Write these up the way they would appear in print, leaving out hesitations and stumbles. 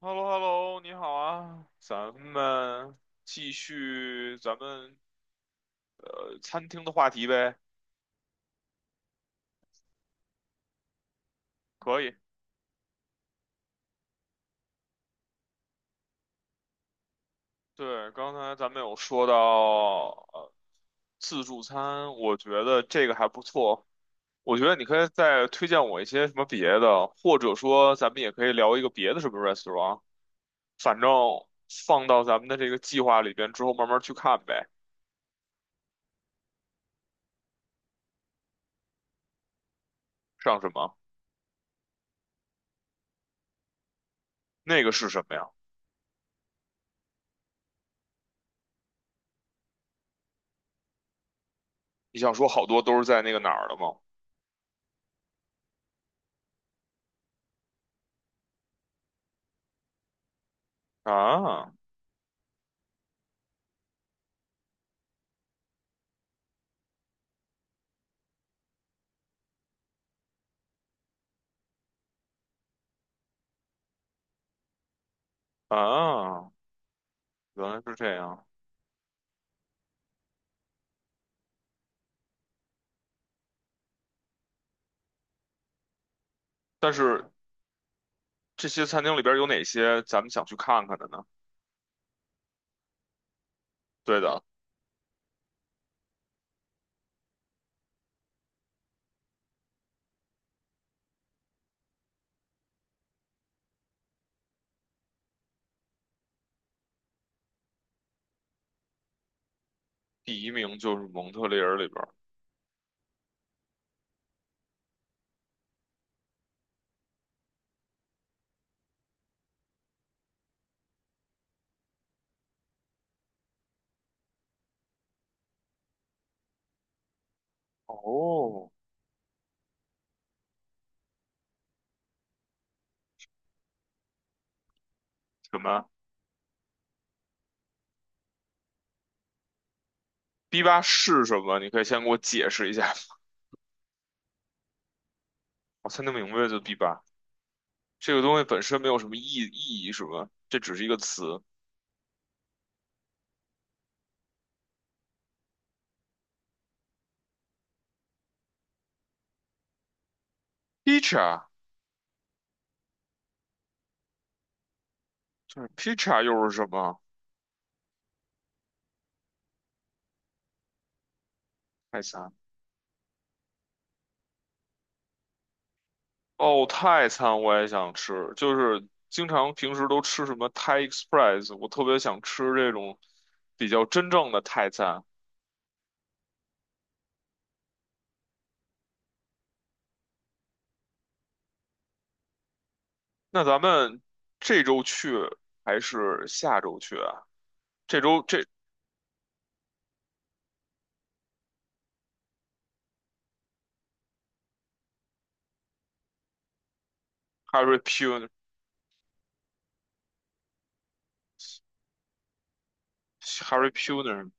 h e l l o h e l l o 你好啊，咱们继续餐厅的话题呗，可以。对，刚才咱们有说到呃自助餐，我觉得这个还不错。我觉得你可以再推荐我一些什么别的，或者说咱们也可以聊一个别的什么 restaurant，反正放到咱们的这个计划里边之后慢慢去看呗。上什么？那个是什么呀？你想说好多都是在那个哪儿的吗？啊啊！原来是这样。但是这些餐厅里边有哪些咱们想去看看的呢？对的，第一名就是蒙特利尔里边。哦，什么？B 八是什么？你可以先给我解释一下吗，我才能明白就 B 八这个东西本身没有什么意义，是吧？这只是一个词。Pizza 就是 pizza 又是什么？泰餐。哦，泰餐我也想吃，就是经常平时都吃什么 Thai Express，我特别想吃这种比较真正的泰餐。那咱们这周去还是下周去啊？这周这 Harry Puner，Harry Puner，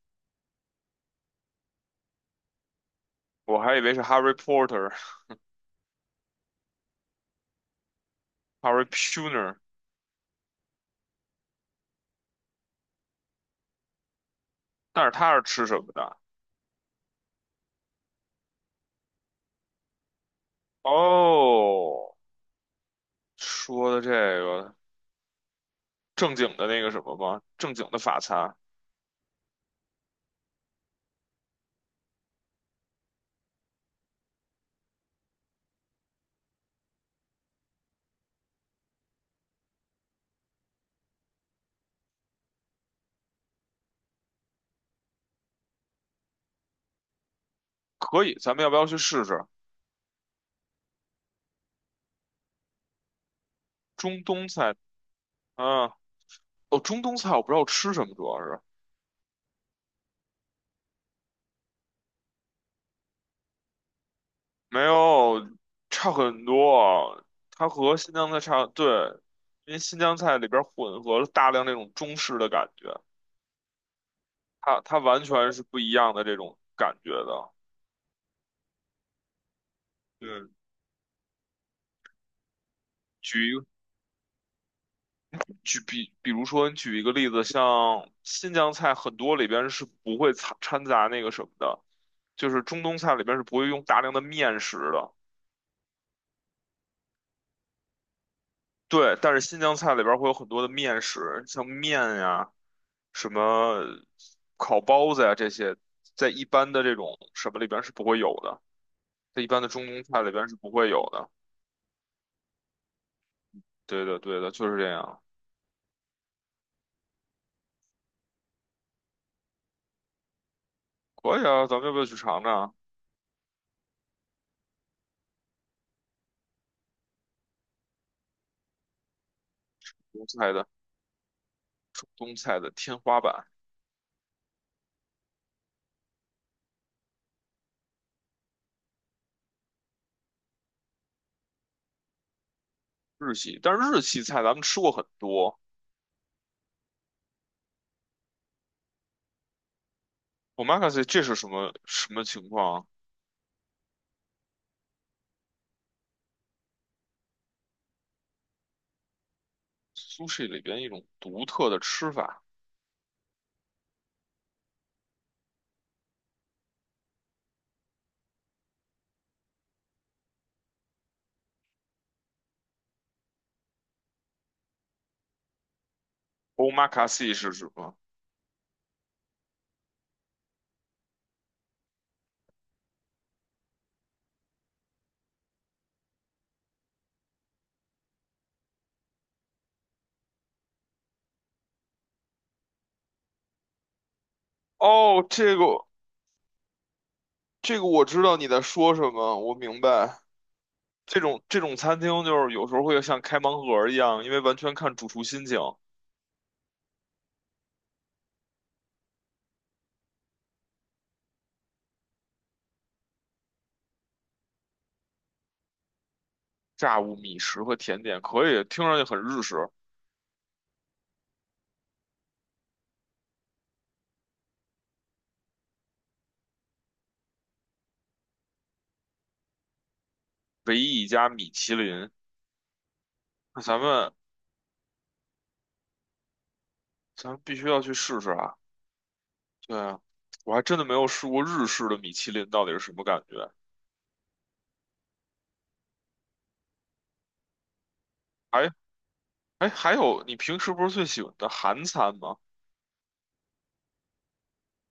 我还以为是 Harry Potter，Harry Puner，但是他是吃什么的？哦，说的这个正经的那个什么吗？正经的法餐可以，咱们要不要去试试中东菜？嗯，哦，中东菜我不知道吃什么，主要是。没有，差很多。它和新疆菜差，对，因为新疆菜里边混合了大量那种中式的感觉，它完全是不一样的这种感觉的。对，举一个举比，比如说你举一个例子，像新疆菜很多里边是不会掺杂那个什么的，就是中东菜里边是不会用大量的面食的。对，但是新疆菜里边儿会有很多的面食，像面呀、什么烤包子呀这些，在一般的这种什么里边儿是不会有的，在一般的中东菜里边儿是不会有的。对的，对的，就是这样。可以啊，咱们要不要去尝尝东菜的东菜的天花板日系？但是日系菜咱们吃过很多。omakase 这是什么什么情况啊？sushi 里边一种独特的吃法。omakase 是什么？哦，这个。这个我知道你在说什么，我明白。这种餐厅就是有时候会像开盲盒一样，因为完全看主厨心情。炸物、米食和甜点可以，听上去很日式。唯一一家米其林，那咱们必须要去试试啊！对啊，我还真的没有试过日式的米其林到底是什么感觉。哎哎，还有你平时不是最喜欢的韩餐吗？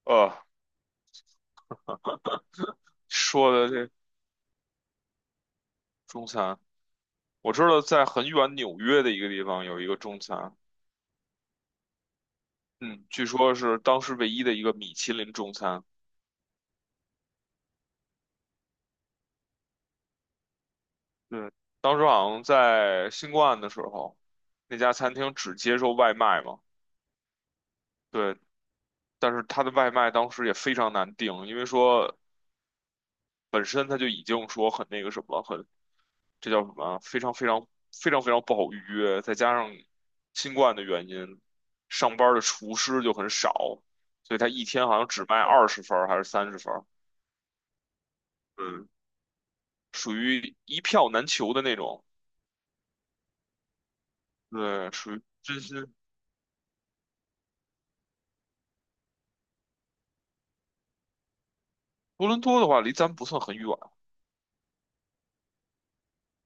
呃，说的这中餐，我知道在很远纽约的一个地方有一个中餐。嗯，据说是当时唯一的一个米其林中餐。对，当时好像在新冠的时候，那家餐厅只接受外卖嘛。对，但是它的外卖当时也非常难订，因为说本身它就已经说很那个什么，很这叫什么啊，非常非常非常非常不好预约，再加上新冠的原因，上班的厨师就很少，所以他一天好像只卖20份儿还是30份儿嗯，属于一票难求的那种。对，属于这些。多伦多的话，离咱不算很远，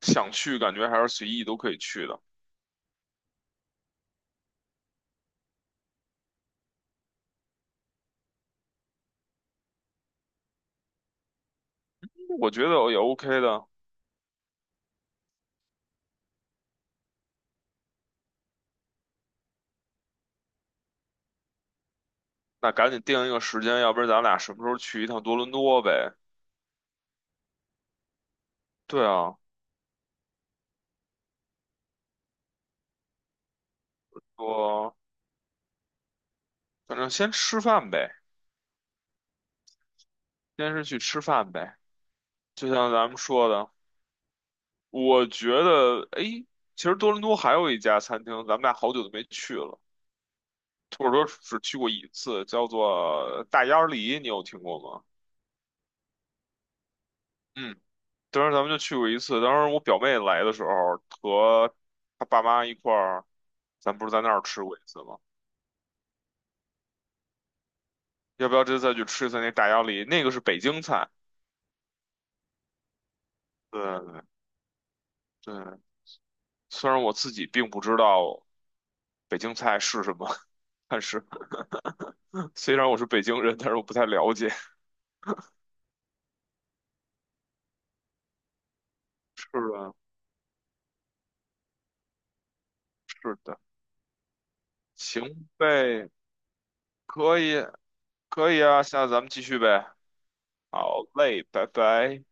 想去感觉还是随意都可以去的，我觉得也 OK 的。那赶紧定一个时间，要不然咱俩什么时候去一趟多伦多呗？对啊，我反正先吃饭呗，先是去吃饭呗。就像咱们说的，我觉得，哎，其实多伦多还有一家餐厅，咱们俩好久都没去了，或者说只去过一次，叫做大鸭梨，你有听过吗？嗯。当时咱们就去过一次，当时我表妹来的时候和她爸妈一块儿，咱不是在那儿吃过一次吗？要不要这次再去吃一次那大鸭梨？那个是北京菜。对对，虽然我自己并不知道北京菜是什么，但是虽然我是北京人，但是我不太了解。是的，是的，行呗，可以，可以啊，下次咱们继续呗。好嘞，拜拜。